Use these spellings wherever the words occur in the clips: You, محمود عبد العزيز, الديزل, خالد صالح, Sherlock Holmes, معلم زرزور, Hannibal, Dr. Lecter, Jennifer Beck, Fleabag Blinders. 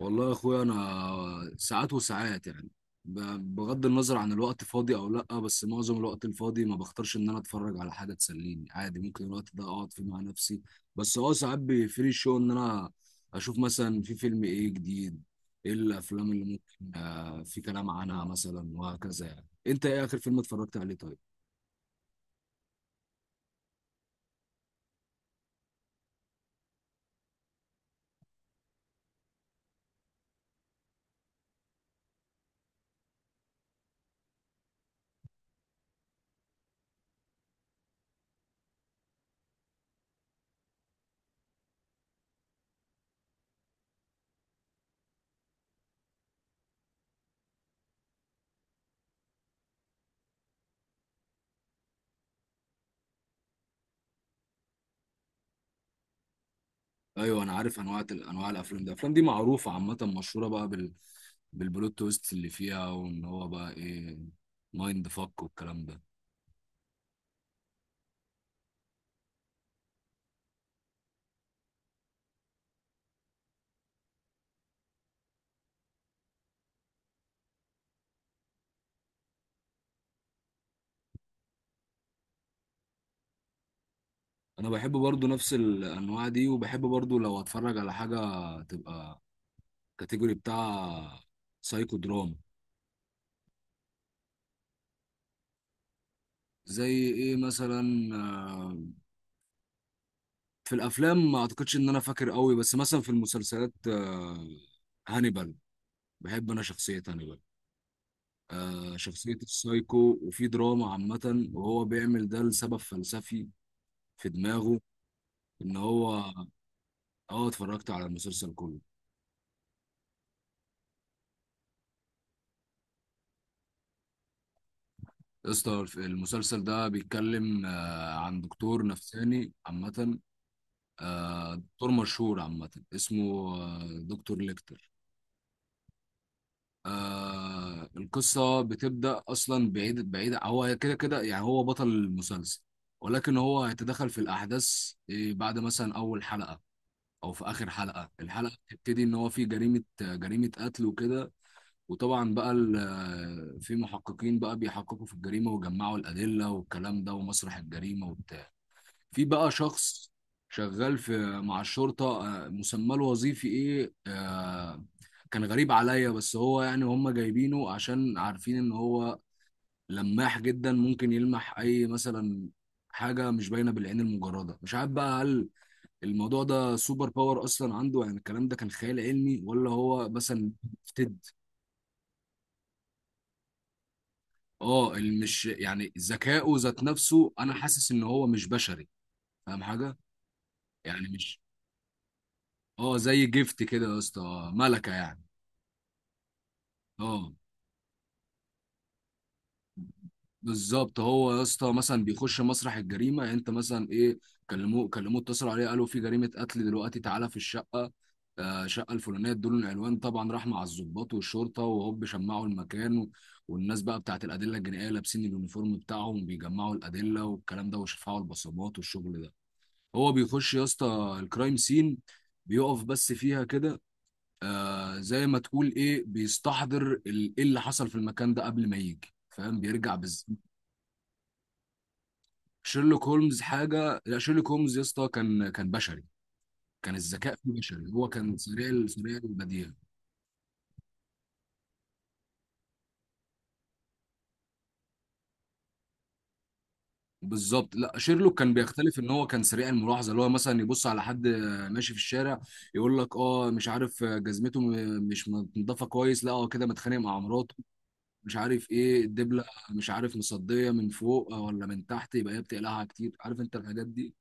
والله يا اخويا انا ساعات وساعات يعني بغض النظر عن الوقت فاضي او لا، بس معظم الوقت الفاضي ما بختارش ان انا اتفرج على حاجه تسليني. عادي، ممكن الوقت ده اقعد فيه مع نفسي، بس ساعات بيفري شو ان انا اشوف مثلا في فيلم ايه جديد، ايه الافلام اللي ممكن في كلام عنها مثلا وهكذا. يعني انت، ايه اخر فيلم اتفرجت عليه؟ طيب، ايوه انا عارف انواع الافلام دي. الافلام دي معروفه عامه، مشهوره بقى بالبلوت تويست اللي فيها، وان هو بقى ايه، مايند فك والكلام ده. انا بحب برضو نفس الانواع دي، وبحب برضو لو اتفرج على حاجه تبقى كاتيجوري بتاع سايكو دراما. زي ايه مثلا؟ آه، في الافلام ما اعتقدش ان انا فاكر قوي، بس مثلا في المسلسلات، هانيبال. بحب انا شخصيه هانيبال. آه، شخصية السايكو وفي دراما عامة، وهو بيعمل ده لسبب فلسفي في دماغه، إن هو. أه، اتفرجت على المسلسل كله. يا اسطى المسلسل ده بيتكلم عن دكتور نفساني عامة، آه دكتور مشهور عامة اسمه دكتور ليكتر. آه، القصة بتبدأ أصلا، بعيد هو كده كده يعني، هو بطل المسلسل، ولكن هو هيتدخل في الأحداث بعد مثلا أول حلقة او في اخر حلقه. الحلقه بتبتدي ان هو في جريمه، جريمه قتل وكده، وطبعا بقى في محققين بقى بيحققوا في الجريمه، ويجمعوا الادله والكلام ده، ومسرح الجريمه وبتاع. في بقى شخص شغال مع الشرطه، مسمى له وظيفي ايه، كان غريب عليا، بس هو يعني هم جايبينه عشان عارفين ان هو لماح جدا، ممكن يلمح اي مثلا حاجه مش باينه بالعين المجرده. مش عارف بقى، هل الموضوع ده سوبر باور اصلا عنده يعني، الكلام ده كان خيال علمي، ولا هو مثلا تد اه مش يعني ذكائه ذات نفسه، انا حاسس ان هو مش بشري، فاهم حاجه؟ يعني مش، اه زي جيفت كده يا اسطى، ملكه يعني. اه بالظبط، هو يا اسطى مثلا بيخش مسرح الجريمه. يعني انت مثلا ايه، كلموه اتصلوا عليه قالوا في جريمه قتل دلوقتي، تعالى في الشقه، آه شقه الفلانيه، ادوا له العنوان. طبعا راح مع الضباط والشرطه، وهوب شمعوا المكان و... والناس بقى بتاعت الادله الجنائيه لابسين اليونيفورم بتاعهم، بيجمعوا الادله والكلام ده، وشفعوا البصمات والشغل ده. هو بيخش يا اسطى الكرايم سين، بيقف بس فيها كده، آه زي ما تقول ايه، بيستحضر ايه اللي حصل في المكان ده قبل ما يجي، فاهم؟ بيرجع شيرلوك هولمز حاجه. لا، شيرلوك هولمز يا اسطى كان بشري، كان الذكاء فيه بشري. هو كان سريع سريع البديهه. بالظبط، لا شيرلوك كان بيختلف ان هو كان سريع الملاحظه، اللي هو مثلا يبص على حد ماشي في الشارع يقول لك اه مش عارف جزمته مش متنضفه كويس، لا هو كده متخانق مع مراته، مش عارف ايه الدبله، مش عارف مصديه من فوق ولا من تحت، يبقى هي بتقلعها كتير، عارف انت الحاجات دي.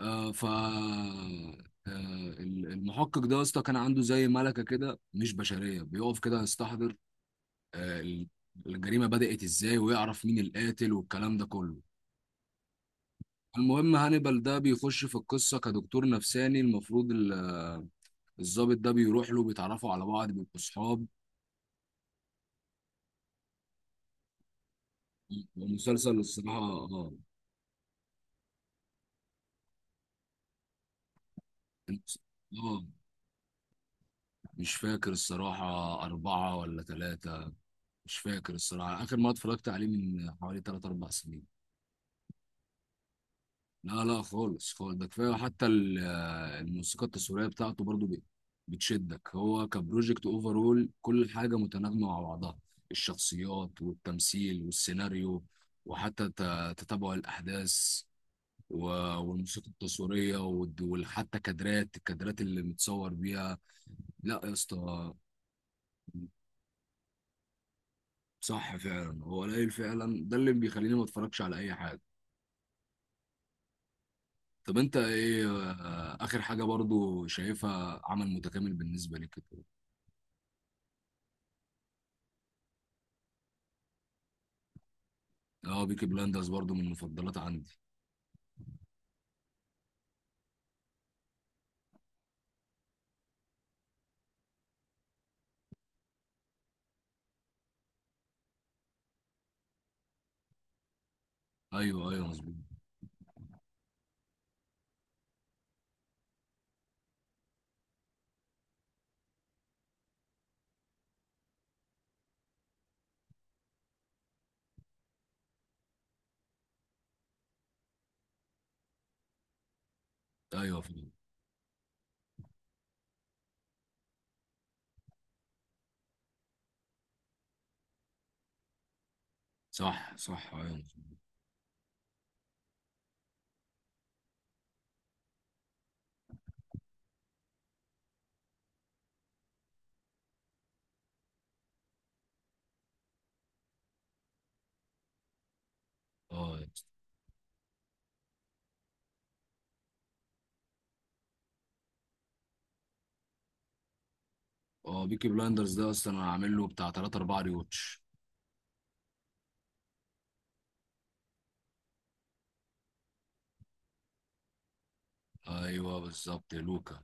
آه ف آه، المحقق ده يا اسطى كان عنده زي ملكه كده مش بشريه، بيقف كده يستحضر آه، الجريمه بدات ازاي، ويعرف مين القاتل والكلام ده كله. المهم هانيبال ده بيخش في القصه كدكتور نفساني. المفروض الضابط ده بيروح له، بيتعرفوا على بعض، بيبقوا صحاب. المسلسل الصراحه، اه المس- اه مش فاكر الصراحه، اربعه ولا ثلاثه، مش فاكر الصراحه. اخر ما اتفرجت عليه من حوالي ثلاث اربع سنين. لا لا خالص خالص، ده كفايه. حتى الموسيقى التصويريه بتاعته برضو بتشدك. هو كبروجكت اوفرول كل حاجه متناغمه مع بعضها، الشخصيات والتمثيل والسيناريو، وحتى تتابع الاحداث، والموسيقى التصويريه، وحتى الكادرات اللي متصور بيها. لا يا اسطى، صح فعلا هو قليل فعلا، ده اللي بيخليني ما اتفرجش على اي حاجه. طب انت ايه اخر حاجه برضو شايفها عمل متكامل بالنسبه لك؟ اه بيكي بلاندرز برضو من المفضلات عندي. ايوه ايوه مظبوط. ايوه فعلا. صح صح ايوه مظبوط. اه اه بيكي بلاندرز ده اصلا انا عامل له بتاع 3 4 ريوتش. ايوه بالظبط يا لوكا.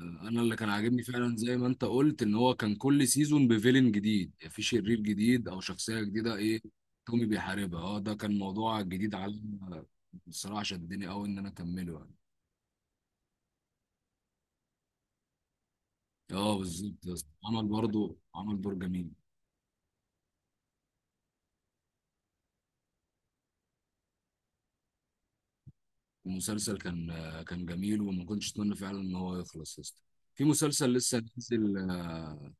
انا اللي كان عاجبني فعلا زي ما انت قلت ان هو كان كل سيزون بفيلن جديد، يعني في شرير جديد او شخصيه جديده ايه، تومي بيحاربها. اه ده كان موضوع جديد، على بصراحه شدني قوي ان انا اكمله يعني. اه بالظبط يا اسطى. عمل برضو عمل دور جميل. المسلسل كان كان جميل وما كنتش اتمنى فعلا ان هو يخلص يا اسطى. في مسلسل لسه نازل،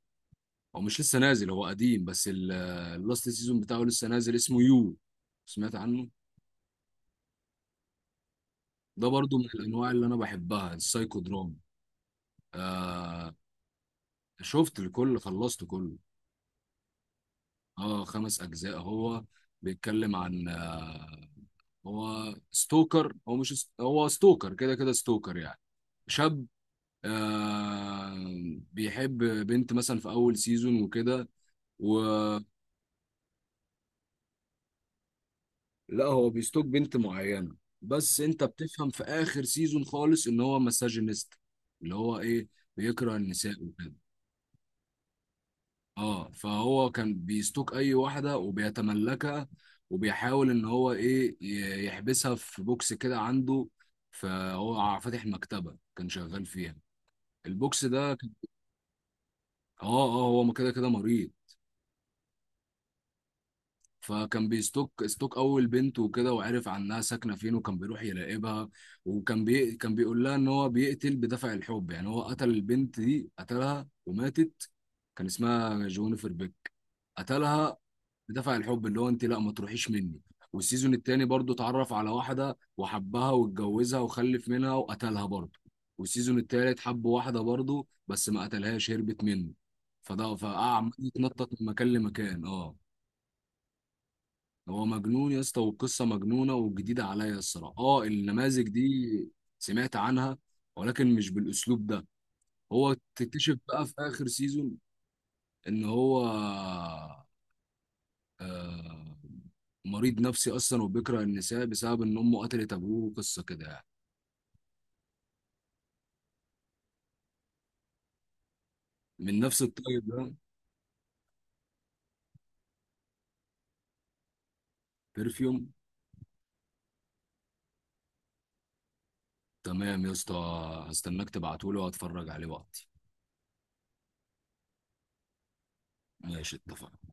او مش لسه نازل، هو قديم بس اللاست سيزون بتاعه لسه نازل، اسمه يو. سمعت عنه؟ ده برضو من الانواع اللي انا بحبها، السايكو دراما. آه، شفت الكل، خلصت كله. اه خمس اجزاء هو. بيتكلم عن هو ستوكر، هو مش ست- هو ستوكر كده كده، ستوكر يعني، شاب، آه، بيحب بنت مثلا في اول سيزون وكده، و... لا هو بيستوك بنت معينه، بس انت بتفهم في اخر سيزون خالص ان هو مساجينيست، اللي هو ايه، بيكره النساء وكده. اه، فهو كان بيستوك اي واحده وبيتملكها، وبيحاول ان هو ايه، يحبسها في بوكس كده عنده. فهو فاتح مكتبه كان شغال فيها، البوكس ده كان، اه هو كده كده مريض. فكان بيستوك، استوك اول بنت وكده، وعرف عنها ساكنه فين وكان بيروح يراقبها، وكان كان بيقول لها ان هو بيقتل بدافع الحب، يعني هو قتل البنت دي، قتلها وماتت، كان اسمها جونيفر بيك، قتلها بدافع الحب، اللي هو انت لا ما تروحيش مني. والسيزون التاني برضه اتعرف على واحده وحبها واتجوزها وخلف منها وقتلها برضه. والسيزون التالت حب واحده برضه بس ما قتلهاش، هربت منه، فده فقعد عمال يتنطط من مكان لمكان. اه هو مجنون يا اسطى، والقصه مجنونه وجديده عليا الصراحه. اه النماذج دي سمعت عنها، ولكن مش بالاسلوب ده. هو تكتشف بقى في اخر سيزون ان هو آه مريض نفسي اصلا، وبيكره النساء بسبب ان امه قتلت ابوه، قصه كده يعني. من نفس الطيب ده. بيرفيوم. تمام يا اسطى، هستناك تبعتولي وهتفرج عليه وقتي. ماشي اتفقنا.